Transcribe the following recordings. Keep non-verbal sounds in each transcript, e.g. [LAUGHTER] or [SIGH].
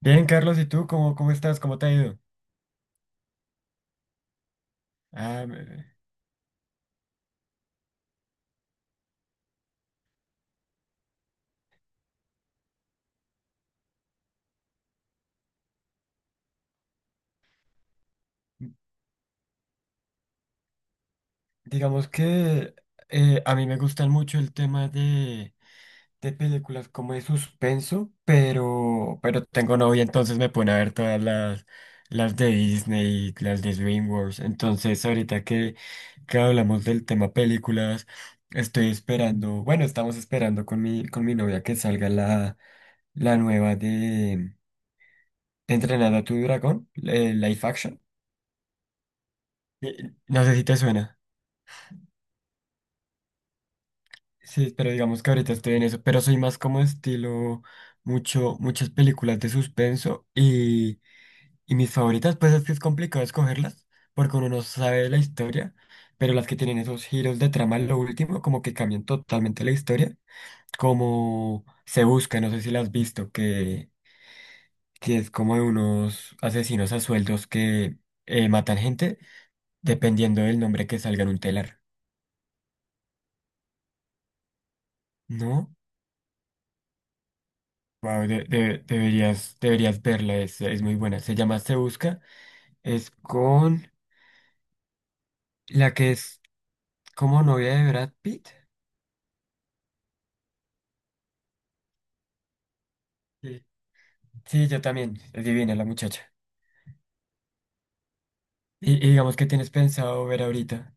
Bien, Carlos, ¿y tú cómo estás? ¿Cómo te ha ido? Ah, me- digamos que a mí me gustan mucho el tema de películas como de suspenso, pero tengo novia, entonces me pone a ver todas las de Disney, las de DreamWorks. Entonces, ahorita que hablamos del tema películas, estoy esperando, bueno, estamos esperando con mi novia que salga la nueva de Entrenada a tu dragón, live action. No sé si te suena. Sí, pero digamos que ahorita estoy en eso. Pero soy más como estilo muchas películas de suspenso y mis favoritas, pues es que es complicado escogerlas porque uno no sabe la historia, pero las que tienen esos giros de trama, lo último, como que cambian totalmente la historia. Como Se Busca, no sé si la has visto, que es como de unos asesinos a sueldos que matan gente dependiendo del nombre que salga en un telar, ¿no? Wow, deberías verla, es muy buena. Se llama Se Busca, es con la que es como novia de Brad Pitt. Sí, Sí, yo también, es divina la muchacha. Y digamos que tienes pensado ver ahorita.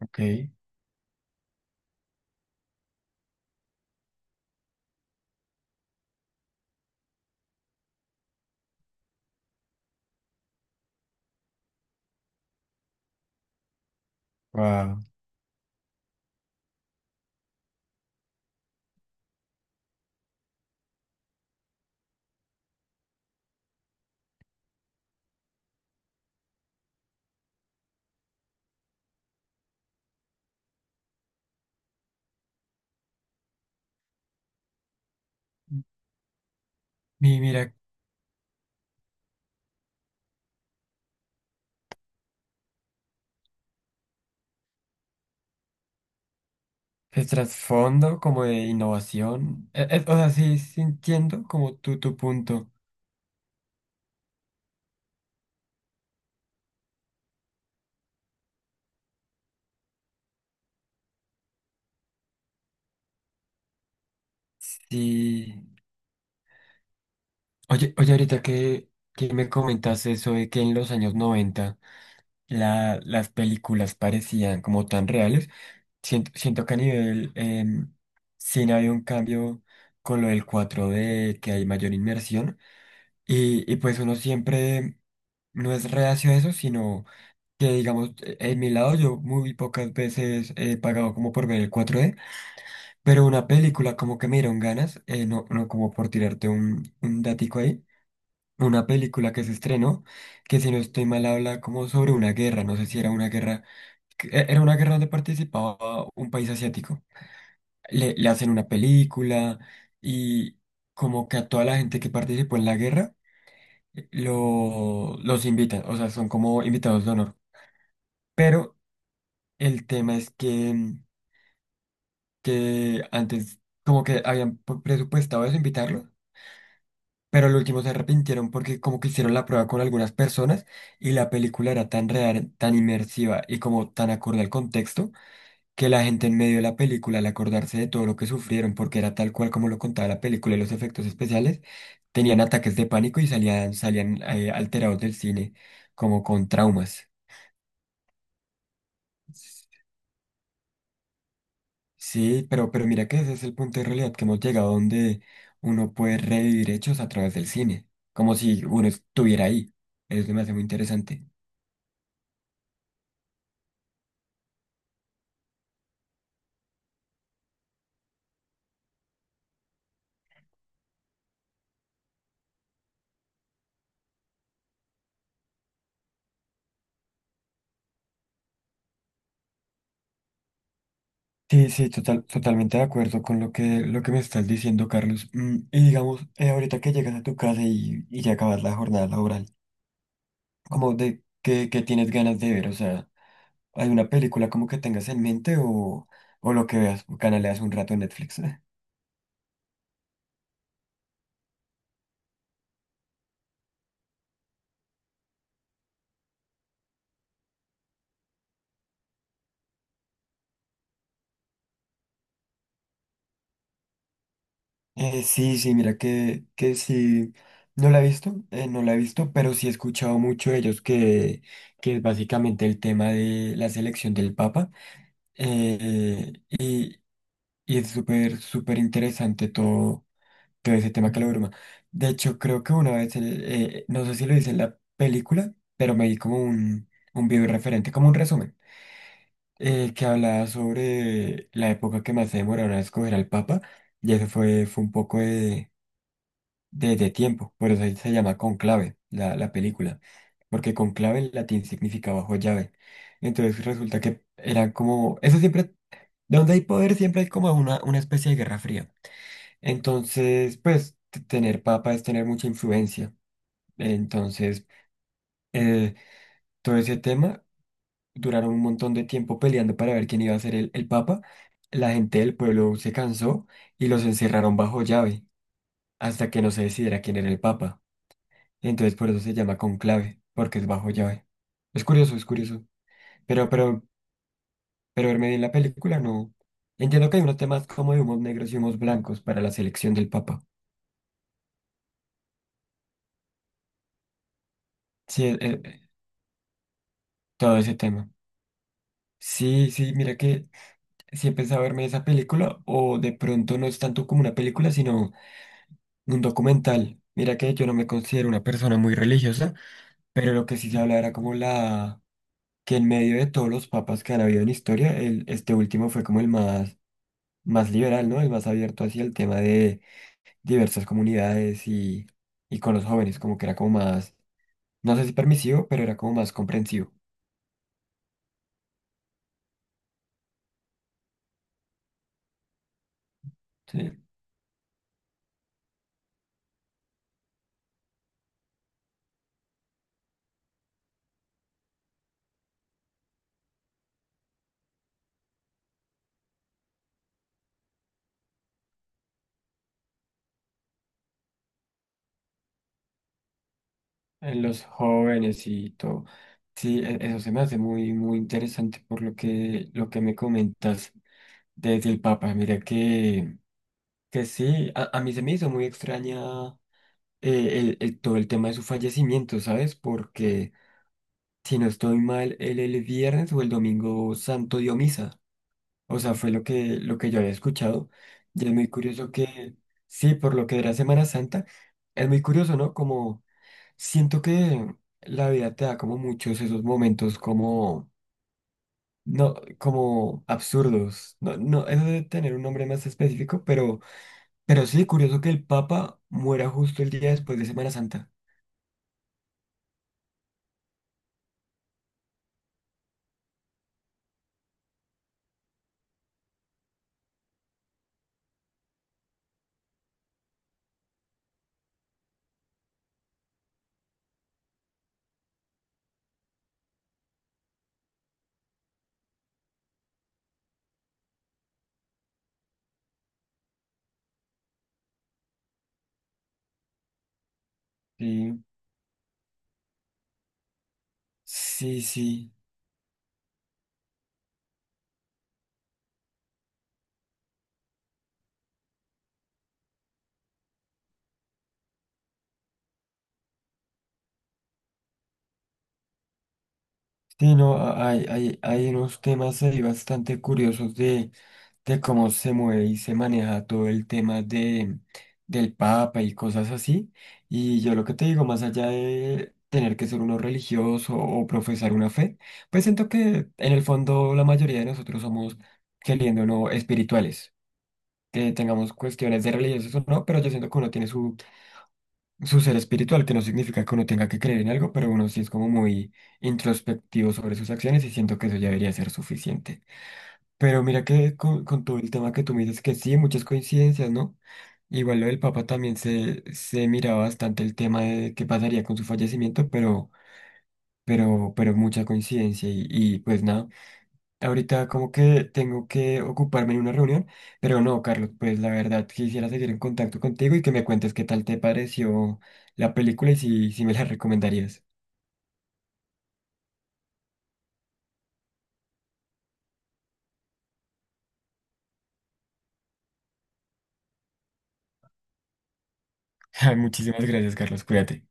Ok, wow. Mira, el trasfondo como de innovación. O sea, sí entiendo como tu punto. Sí. Oye, ahorita que me comentas eso de que en los años 90 las películas parecían como tan reales. Siento que a nivel cine había un cambio con lo del cuatro d que hay mayor inmersión. Y pues uno siempre no es reacio a eso, sino que digamos, en mi lado yo muy pocas veces he pagado como por ver el cuatro d, pero una película como que me dieron ganas, no, no como por tirarte un datico ahí. Una película que se estrenó, que si no estoy mal habla como sobre una guerra, no sé si era una guerra era una guerra donde participaba un país asiático. Le hacen una película y como que a toda la gente que participó en la guerra los invitan, o sea, son como invitados de honor. Pero el tema es que, que antes como que habían presupuestado eso, invitarlo, pero al último se arrepintieron porque como que hicieron la prueba con algunas personas y la película era tan real, tan inmersiva y como tan acorde al contexto que la gente en medio de la película, al acordarse de todo lo que sufrieron, porque era tal cual como lo contaba la película y los efectos especiales, tenían ataques de pánico y salían alterados del cine, como con traumas. Sí, pero mira que ese es el punto de realidad que hemos llegado donde uno puede revivir hechos a través del cine, como si uno estuviera ahí. Eso me hace muy interesante. Sí, sí, totalmente de acuerdo con lo que me estás diciendo, Carlos. Mm, y digamos, ahorita que llegas a tu casa y ya acabas la jornada laboral, como de qué tienes ganas de ver, o sea, ¿hay una película como que tengas en mente o lo que veas, canaleas un rato en Netflix? [LAUGHS] Sí, sí, mira que sí, no la he visto, no la he visto, pero sí he escuchado mucho de ellos que es básicamente el tema de la selección del Papa, eh, y, y es súper interesante todo ese tema que lo bruma. De hecho, creo que una vez, no sé si lo hice en la película, pero me di como un video referente, como un resumen, que hablaba sobre la época que más se demoraron a escoger al Papa, y eso fue un poco de tiempo, por eso se llama Conclave, la película, porque conclave en latín significa bajo llave. Entonces resulta que eran como, eso siempre, donde hay poder siempre hay como una especie de guerra fría. Entonces, pues tener papa es tener mucha influencia. Entonces, eh, todo ese tema duraron un montón de tiempo peleando para ver quién iba a ser el papa. La gente del pueblo se cansó y los encerraron bajo llave hasta que no se decidiera quién era el papa. Entonces, por eso se llama conclave, porque es bajo llave. Es curioso, es curioso. Pero, pero, pero verme bien la película, no. Entiendo que hay unos temas como de humos negros y humos blancos para la selección del papa. Sí, todo ese tema. Sí, sí, mira que sí he pensado verme esa película o de pronto no es tanto como una película, sino un documental. Mira que yo no me considero una persona muy religiosa, pero lo que sí se habla era como la que en medio de todos los papas que han habido en historia, el, este último fue como el más, más liberal, ¿no? El más abierto hacia el tema de diversas comunidades y con los jóvenes, como que era como más, no sé si permisivo, pero era como más comprensivo. ¿Sí? En los jóvenes y todo. Sí, eso se me hace muy interesante por lo que me comentas desde el Papa. Mira que sí, a mí se me hizo muy extraña todo el tema de su fallecimiento, ¿sabes? Porque si no estoy mal, él el viernes o el domingo santo dio misa. O sea, fue lo que yo había escuchado. Y es muy curioso que, sí, por lo que era Semana Santa, es muy curioso, ¿no? Como Siento que la vida te da como muchos esos momentos como, no, como absurdos. No, no, eso debe tener un nombre más específico, pero sí, curioso que el Papa muera justo el día después de Semana Santa. Sí, sí, sí. Sí, no, hay unos temas ahí bastante curiosos de cómo se mueve y se maneja todo el tema del Papa y cosas así. Y yo lo que te digo, más allá de tener que ser uno religioso o profesar una fe, pues siento que en el fondo la mayoría de nosotros somos, queriendo o no, espirituales. Que tengamos cuestiones de religiosas o no, pero yo siento que uno tiene su ser espiritual, que no significa que uno tenga que creer en algo, pero uno sí es como muy introspectivo sobre sus acciones y siento que eso ya debería ser suficiente. Pero mira que con todo el tema que tú me dices que sí, muchas coincidencias, ¿no? Igual lo del Papa también se miraba bastante el tema de qué pasaría con su fallecimiento, pero mucha coincidencia y pues nada, ahorita como que tengo que ocuparme en una reunión, pero no, Carlos, pues la verdad quisiera seguir en contacto contigo y que me cuentes qué tal te pareció la película y si me la recomendarías. [LAUGHS] Muchísimas gracias, Carlos, cuídate.